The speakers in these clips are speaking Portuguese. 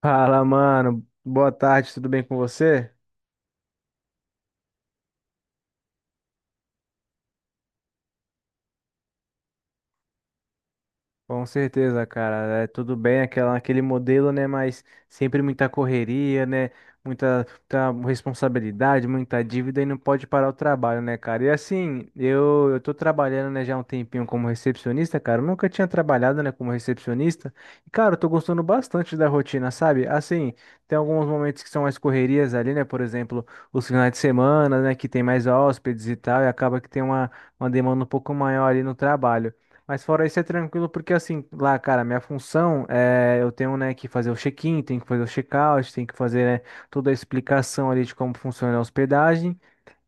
Fala, mano. Boa tarde, tudo bem com você? Com certeza, cara. É tudo bem aquele modelo, né? Mas sempre muita correria, né? Muita, muita responsabilidade, muita dívida e não pode parar o trabalho, né, cara? E assim, eu tô trabalhando, né, já há um tempinho como recepcionista, cara. Eu nunca tinha trabalhado, né, como recepcionista. E, cara, eu tô gostando bastante da rotina, sabe? Assim, tem alguns momentos que são mais correrias ali, né? Por exemplo, os finais de semana, né? Que tem mais hóspedes e tal, e acaba que tem uma demanda um pouco maior ali no trabalho. Mas fora isso é tranquilo, porque assim, lá, cara, minha função é eu tenho, né, que fazer o check-in, tenho que fazer o check-out, tenho que fazer, né, toda a explicação ali de como funciona a hospedagem.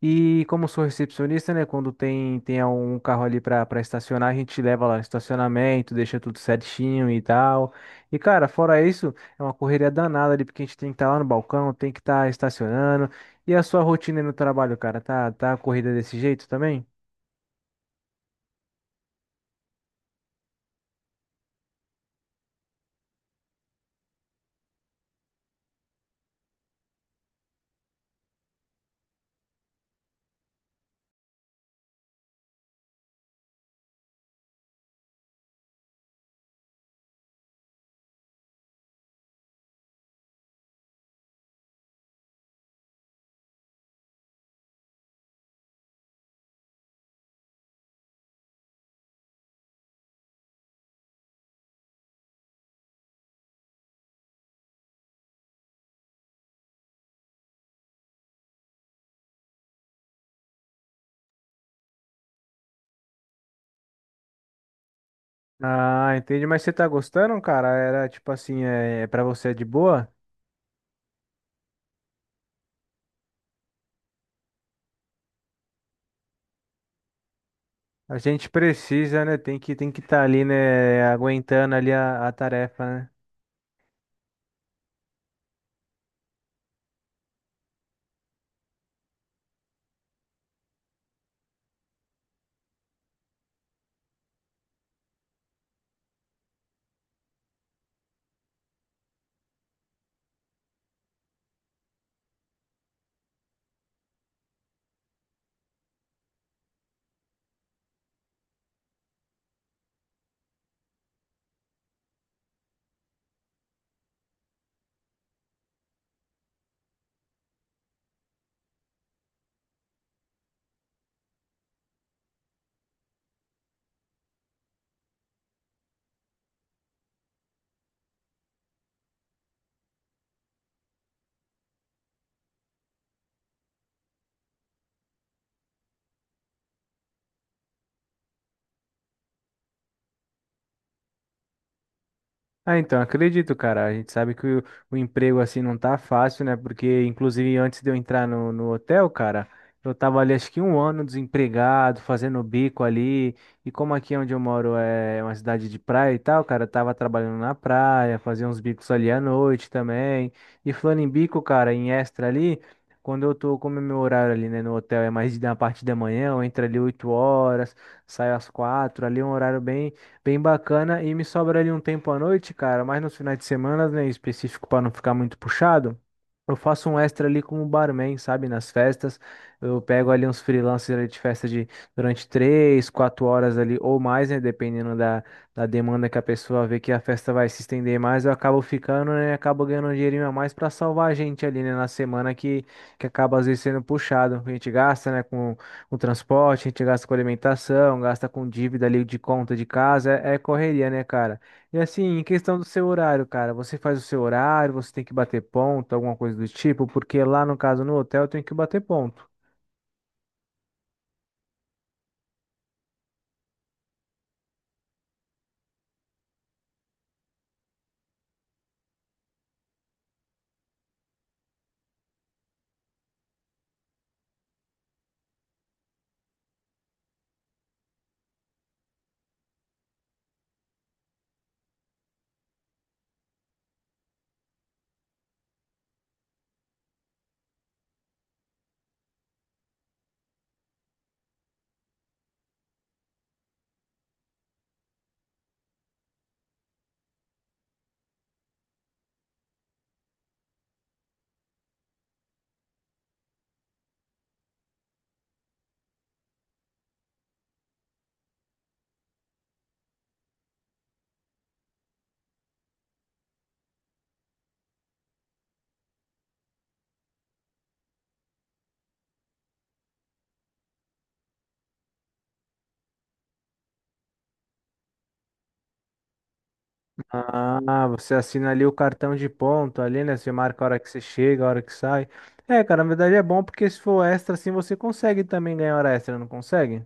E como eu sou recepcionista, né, quando tem um carro ali para estacionar, a gente leva lá no estacionamento, deixa tudo certinho e tal. E cara, fora isso, é uma correria danada ali, porque a gente tem que estar lá no balcão, tem que estar estacionando. E a sua rotina aí no trabalho, cara, tá corrida desse jeito também? Ah, entendi. Mas você tá gostando, cara? Era tipo assim, é para você é de boa? A gente precisa, né? Tem que estar ali, né? Aguentando ali a tarefa, né? Ah, então, acredito, cara. A gente sabe que o emprego assim não tá fácil, né? Porque, inclusive, antes de eu entrar no hotel, cara, eu tava ali acho que um ano desempregado, fazendo bico ali. E como aqui onde eu moro é uma cidade de praia e tal, cara, eu tava trabalhando na praia, fazia uns bicos ali à noite também. E falando em bico, cara, em extra ali, quando eu tô, como é meu horário ali, né, no hotel é mais da parte da manhã, eu entro ali 8 horas, saio às 4, ali é um horário bem bacana. E me sobra ali um tempo à noite, cara, mas nos finais de semana, né, em específico para não ficar muito puxado. Eu faço um extra ali como barman, sabe? Nas festas. Eu pego ali uns freelancers ali de festa de durante 3, 4 horas ali ou mais, né? Dependendo da demanda que a pessoa vê que a festa vai se estender mais, eu acabo ficando, né? Acabo ganhando um dinheirinho a mais para salvar a gente ali, né? Na semana que acaba às vezes sendo puxado. A gente gasta, né? Com transporte, a gente gasta com alimentação, gasta com dívida ali de conta de casa, é correria, né, cara? E assim, em questão do seu horário, cara, você faz o seu horário, você tem que bater ponto, alguma coisa do tipo, porque lá no caso no hotel eu tenho que bater ponto. Ah, você assina ali o cartão de ponto ali, né? Você marca a hora que você chega, a hora que sai. É, cara, na verdade é bom porque se for extra assim você consegue também ganhar hora extra, não consegue?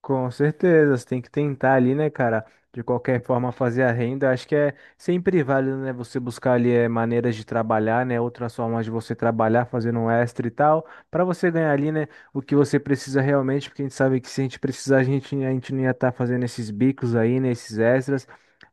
Com certeza, você tem que tentar ali, né, cara? De qualquer forma, fazer a renda. Acho que é sempre válido, né? Você buscar ali maneiras de trabalhar, né? Outras formas de você trabalhar, fazendo um extra e tal, para você ganhar ali, né? O que você precisa realmente, porque a gente sabe que se a gente precisar, a gente não ia estar fazendo esses bicos aí, né? Esses extras.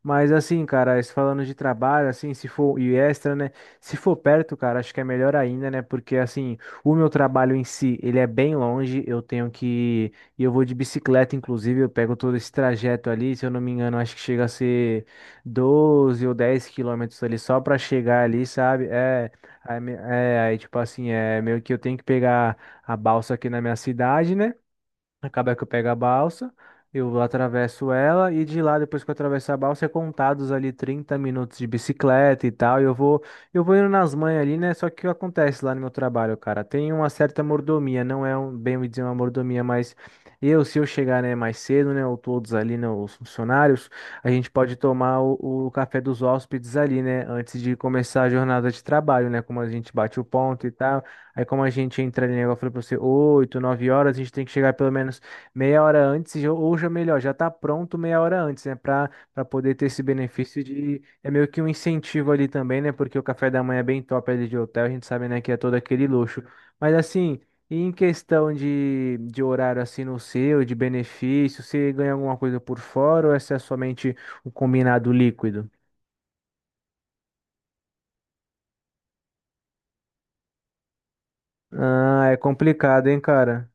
Mas assim, cara, falando de trabalho, assim, se for e extra, né? Se for perto, cara, acho que é melhor ainda, né? Porque assim, o meu trabalho em si, ele é bem longe. Eu tenho que e eu vou de bicicleta, inclusive, eu pego todo esse trajeto ali, se eu não me engano, acho que chega a ser 12 ou 10 quilômetros ali só para chegar ali, sabe? É, aí tipo assim, é meio que eu tenho que pegar a balsa aqui na minha cidade, né? Acaba que eu pego a balsa, eu atravesso ela e de lá, depois que eu atravesso a balsa, é contados ali 30 minutos de bicicleta e tal. E eu vou indo nas manhas ali, né? Só que o que acontece lá no meu trabalho, cara? Tem uma certa mordomia, não é um, bem dizer uma mordomia, mas eu, se eu chegar, né, mais cedo, né, ou todos ali, né, os funcionários, a gente pode tomar o café dos hóspedes ali, né, antes de começar a jornada de trabalho, né, como a gente bate o ponto e tal. Aí como a gente entra ali, né, igual eu falei pra você, 8, 9 horas, a gente tem que chegar pelo menos meia hora antes, ou já melhor, já tá pronto meia hora antes, né? Pra poder ter esse benefício de. É meio que um incentivo ali também, né? Porque o café da manhã é bem top ali de hotel, a gente sabe, né, que é todo aquele luxo. Mas assim, e em questão de horário assim no seu, de benefício, você ganha alguma coisa por fora ou essa é somente o combinado líquido? Ah, é complicado, hein, cara?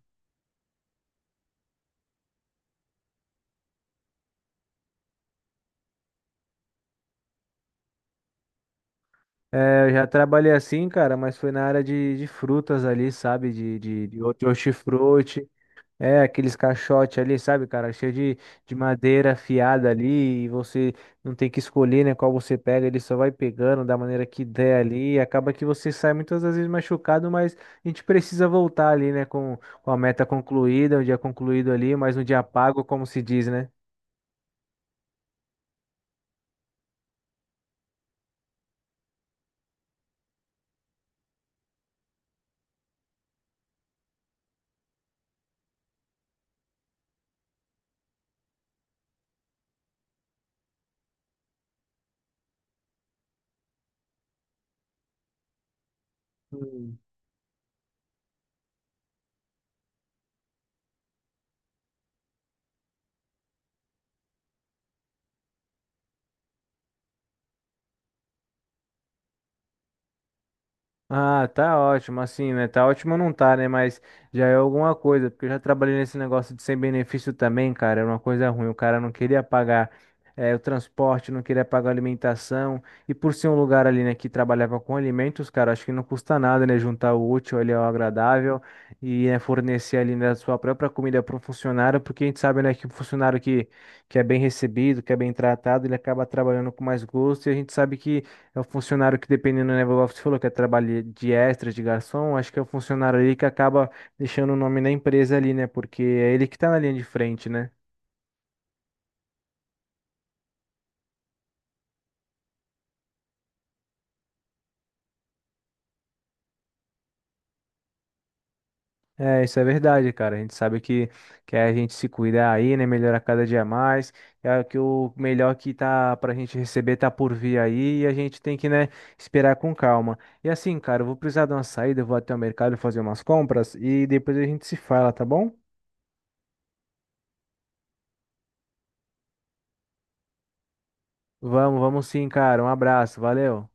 É, eu já trabalhei assim, cara, mas foi na área de frutas ali, sabe? De hortifruti. É, aqueles caixotes ali, sabe, cara? Cheio de madeira afiada ali. E você não tem que escolher, né? Qual você pega. Ele só vai pegando da maneira que der ali. E acaba que você sai muitas das vezes machucado, mas a gente precisa voltar ali, né? Com a meta concluída, o dia concluído ali, mas um dia pago, como se diz, né? Ah, tá ótimo, assim, né? Tá ótimo não tá, né? Mas já é alguma coisa, porque eu já trabalhei nesse negócio de sem benefício também, cara. Era uma coisa ruim. O cara não queria pagar o transporte, não queria pagar a alimentação. E por ser um lugar ali, né, que trabalhava com alimentos, cara, acho que não custa nada, né? Juntar o útil ali ao agradável e né, fornecer ali, né, a sua própria comida para um funcionário, porque a gente sabe, né, que um funcionário que é bem recebido, que é bem tratado, ele acaba trabalhando com mais gosto e a gente sabe é o funcionário que, dependendo, né, igual você falou, que é trabalho de extra, de garçom, acho que é o funcionário ali que acaba deixando o nome da empresa ali, né? Porque é ele que tá na linha de frente, né? É, isso é verdade, cara. A gente sabe que é a gente se cuidar aí, né? Melhorar cada dia mais. É que o melhor que tá pra gente receber tá por vir aí e a gente tem que, né, esperar com calma. E assim, cara, eu vou precisar de uma saída, eu vou até o mercado fazer umas compras e depois a gente se fala, tá bom? Vamos, vamos sim, cara. Um abraço, valeu.